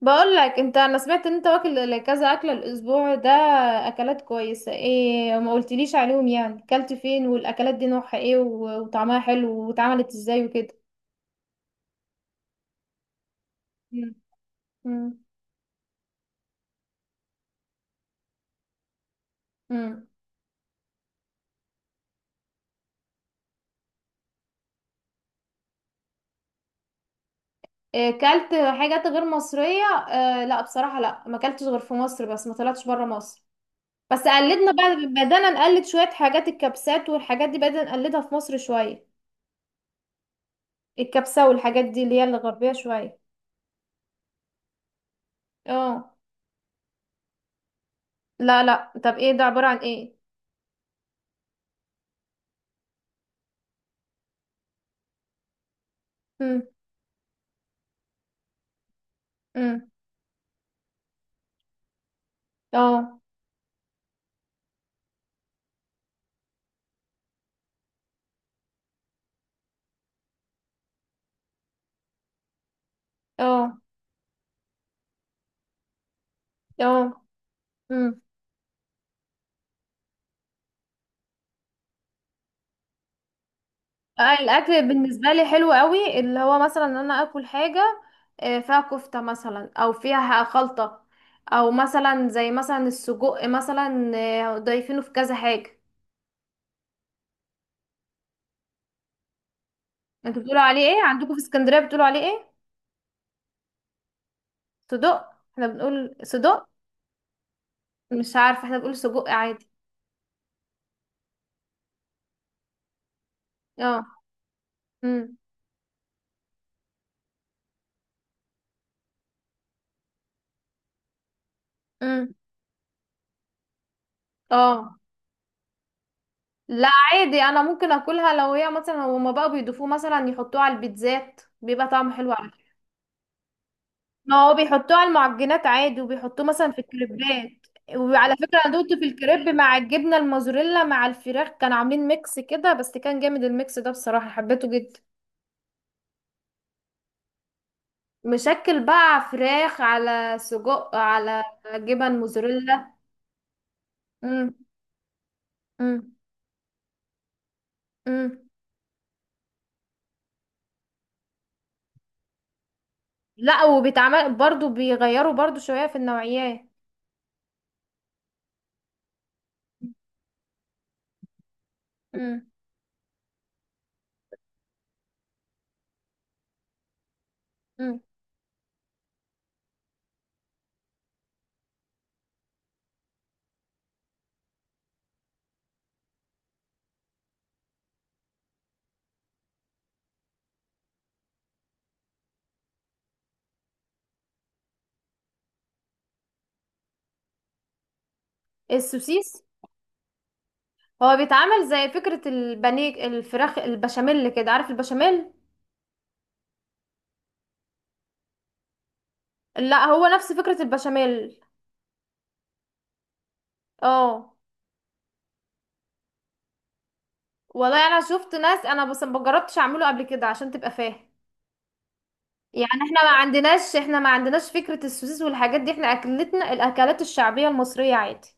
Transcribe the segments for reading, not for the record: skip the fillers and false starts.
بقول لك انت، انا سمعت ان انت واكل كذا اكله الاسبوع ده. اكلات كويسه ايه، ما قلتليش عليهم يعني كلت فين؟ والاكلات دي نوعها ايه و- وطعمها حلو، واتعملت ازاي وكده؟ مم. امم امم إيه كلت؟ حاجات غير مصريه. آه لا، بصراحه لا، ما كلتش غير في مصر، بس ما طلعتش بره مصر. بس قلدنا بقى، بدانا نقلد شويه حاجات، الكبسات والحاجات دي بدانا نقلدها في مصر شويه. الكبسه والحاجات دي اللي هي الغربيه شويه. اه، لا لا، طب ايه ده، عباره عن ايه؟ امم اه اه اه امم الاكل بالنسبه لي حلو قوي، اللي هو مثلا ان انا اكل حاجه فيها كفته مثلا، او فيها خلطه، او مثلا زي مثلا السجق مثلا، ضايفينه في كذا حاجه. انتوا بتقولوا عليه ايه؟ عندكم في اسكندريه بتقولوا عليه ايه؟ صدق؟ احنا بنقول صدق. مش عارفه، احنا بنقول سجق عادي. اه. امم امم اه، لا عادي، انا ممكن اكلها لو هي مثلا، هما بقى بيضيفوه مثلا، يحطوه على البيتزات بيبقى طعمه حلو. ما هو بيحطوه على المعجنات عادي، وبيحطوه مثلا في الكريبات. وعلى فكرة انا دوقته في الكريب مع الجبنة الموزاريلا مع الفراخ، كانوا عاملين ميكس كده بس كان جامد، الميكس ده بصراحة حبيته جدا. مشكل بقى، فراخ على سجق على جبن موزاريلا. امم امم امم لا، وبيتعمل برضو، بيغيروا برضو شوية في النوعيات. امم امم السوسيس هو بيتعمل زي فكرة البانيه الفراخ البشاميل كده، عارف البشاميل؟ لا هو نفس فكرة البشاميل. اه. والله انا شفت ناس، انا بس ما جربتش اعمله قبل كده عشان تبقى فاهم. يعني احنا ما عندناش فكرة السوسيس والحاجات دي، احنا اكلتنا الاكلات الشعبية المصرية عادي.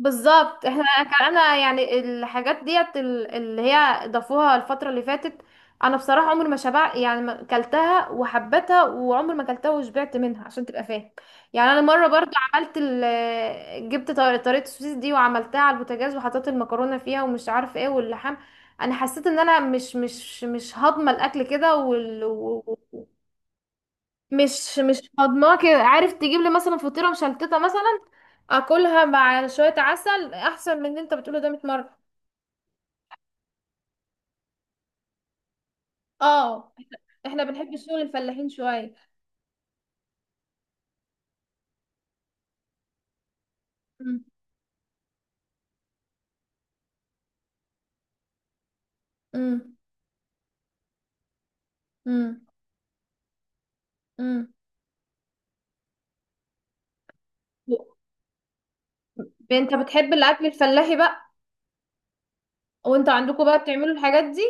بالظبط، احنا كان انا يعني الحاجات ديت اللي هي ضافوها الفترة اللي فاتت. انا بصراحة عمري ما شبع، يعني ما كلتها وحبتها، وعمري ما كلتها وشبعت منها عشان تبقى فاهم. يعني انا مرة برضو عملت جبت طريقة السوسيس دي، وعملتها على البوتاجاز وحطيت المكرونة فيها، ومش عارفة ايه واللحام. انا حسيت ان انا مش هاضمة الاكل كده. مش هضماه كده. عارف، تجيب لي مثلا فطيرة مشلتتة مثلا، اكلها مع شوية عسل احسن من اللي انت بتقوله ده 100 مرة. اه، احنا بنحب شغل الفلاحين شوية. مم. مم. مم. مم. انت بتحب الاكل الفلاحي بقى؟ وانت عندكم بقى بتعملوا الحاجات دي؟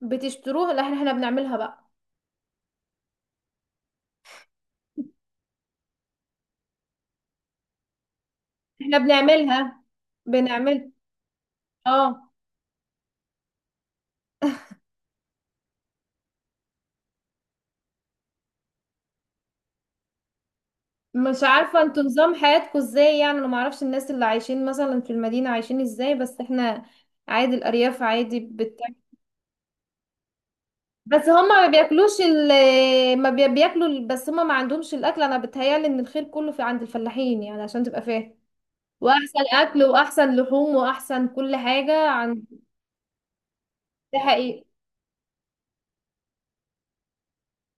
بتشتروها؟ لا احنا، بنعملها بقى. احنا بنعملها. بنعمل. اه، مش عارفة انتوا نظام حياتكم ازاي، يعني انا معرفش الناس اللي عايشين مثلا في المدينة عايشين ازاي، بس احنا عادي، الأرياف عادي بتاكل. بس هما ما بياكلوش ما بي- بياكلوا بس هما ما عندهمش الأكل. أنا بتهيألي إن الخير كله في عند الفلاحين، يعني عشان تبقى فاهم. وأحسن أكل وأحسن لحوم وأحسن كل حاجة عند. ده حقيقي.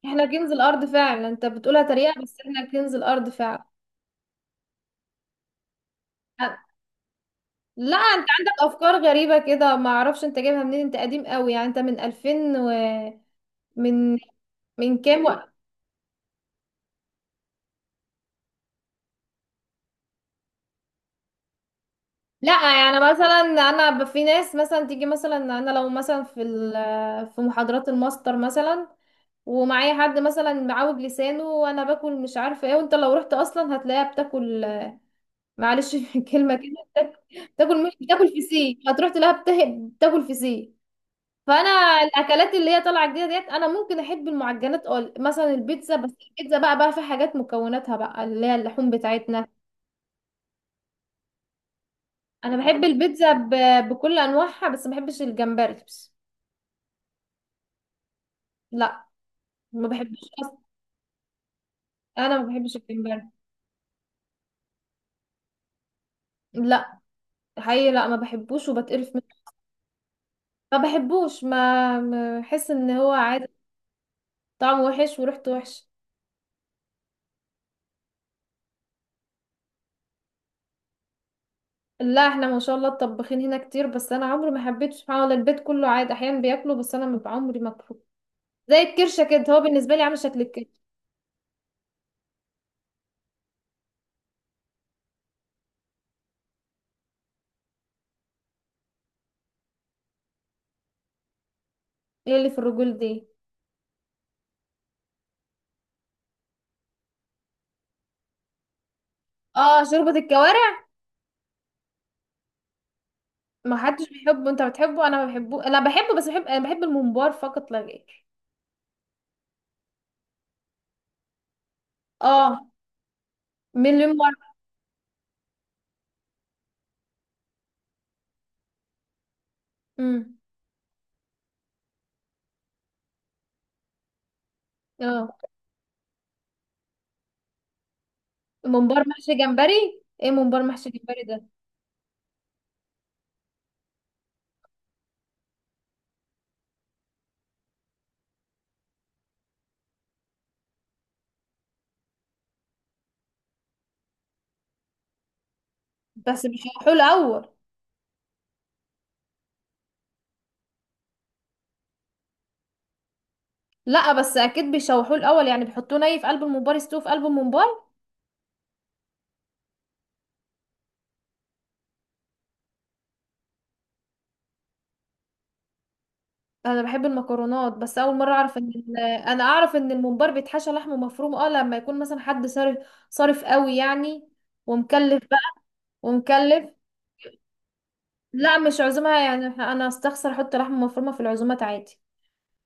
احنا كنز الأرض فعلا، انت بتقولها تريقة بس احنا كنز الأرض فعلا. لا انت عندك افكار غريبه كده، ما اعرفش انت جايبها منين، انت قديم قوي يعني، انت من 2000 و. من من كام وقت؟ لا، يعني مثلا انا في ناس مثلا تيجي مثلا، انا لو مثلا في في محاضرات الماستر مثلا، ومعايا حد مثلا معوج لسانه وانا باكل مش عارفه ايه، وانت لو رحت اصلا هتلاقيها بتاكل، معلش في الكلمه كده بتاكل، مش بتاكل فسيخ، هتروح تلاقيها بتاكل فسيخ. فانا الاكلات اللي هي طالعه جديده ديت، انا ممكن احب المعجنات، اه مثلا البيتزا، بس البيتزا بقى في حاجات مكوناتها بقى اللي هي اللحوم بتاعتنا. انا بحب البيتزا بكل انواعها، بس ما بحبش الجمبري بس. لا ما بحبش اصلا. انا ما بحبش الجمبري. لا حقيقي، لا ما بحبوش وبتقرف منه. ما بحبوش، بحس ان هو عادي. طعمه وحش وريحته وحش. لا احنا ما شاء الله الطباخين هنا كتير، بس انا عمري ما حبيت سبحان الله، البيت كله عادي احيانا بياكله، بس انا ما عمري ما باكله. زي الكرشه كده، هو بالنسبه لي عامل شكل الكرش. ايه اللي في الرجول دي؟ اه، شوربه الكوارع. ما حدش بيحبه، انت بتحبه، انا ما بحبه، انا بحبه بس بحب، انا بحب الممبار فقط لا غير. اه، مليون مرة. امم اه، ممبار محشي جمبري، ايه ممبار محشي جمبري ده؟ بس بيشوحوه الاول. لا، بس اكيد بيشوحوه الاول، يعني بيحطوه ني في قلب الممبار، يستوه في قلب الممبار. انا بحب المكرونات، بس اول مرة اعرف ان انا اعرف ان الممبار بيتحشى لحمه مفروم. اه لما يكون مثلا حد صارف. صارف قوي يعني. ومكلف بقى. ومكلف. لا مش عزومة، يعني انا استخسر احط لحمه مفرومة في العزومات عادي.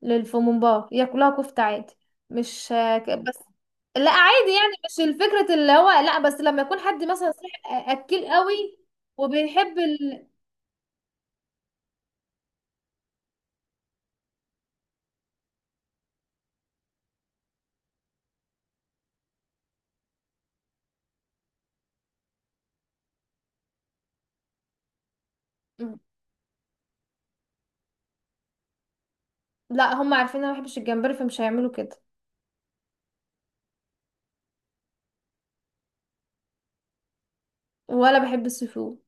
للفومبار ياكلوها كفتة عادي. مش بس. لا عادي، يعني مش الفكرة اللي هو، لا بس لما يكون حد مثلا صاحب اكل قوي، وبيحب لا هم عارفين انا ما بحبش الجمبري، فمش هيعملوا كده. ولا بحب السي فود.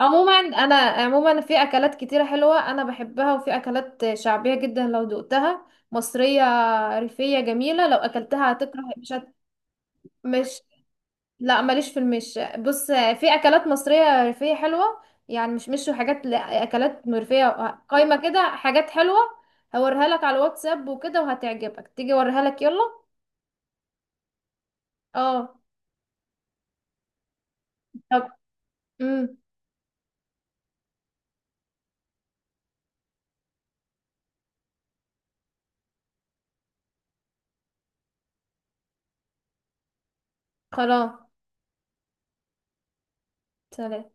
عموما في اكلات كتيرة حلوة انا بحبها، وفي اكلات شعبية جدا لو دقتها، مصرية ريفية جميلة لو اكلتها هتكره. مش مش، لا ماليش في المش، بص، في اكلات مصريه ريفيه حلوه. يعني مش وحاجات، لا اكلات مرفيه. قايمه كده حاجات حلوه. هوريها لك على الواتساب وكده، وهتعجبك، تيجي اوريها لك يلا. اه. طب. امم خلاص. سلام.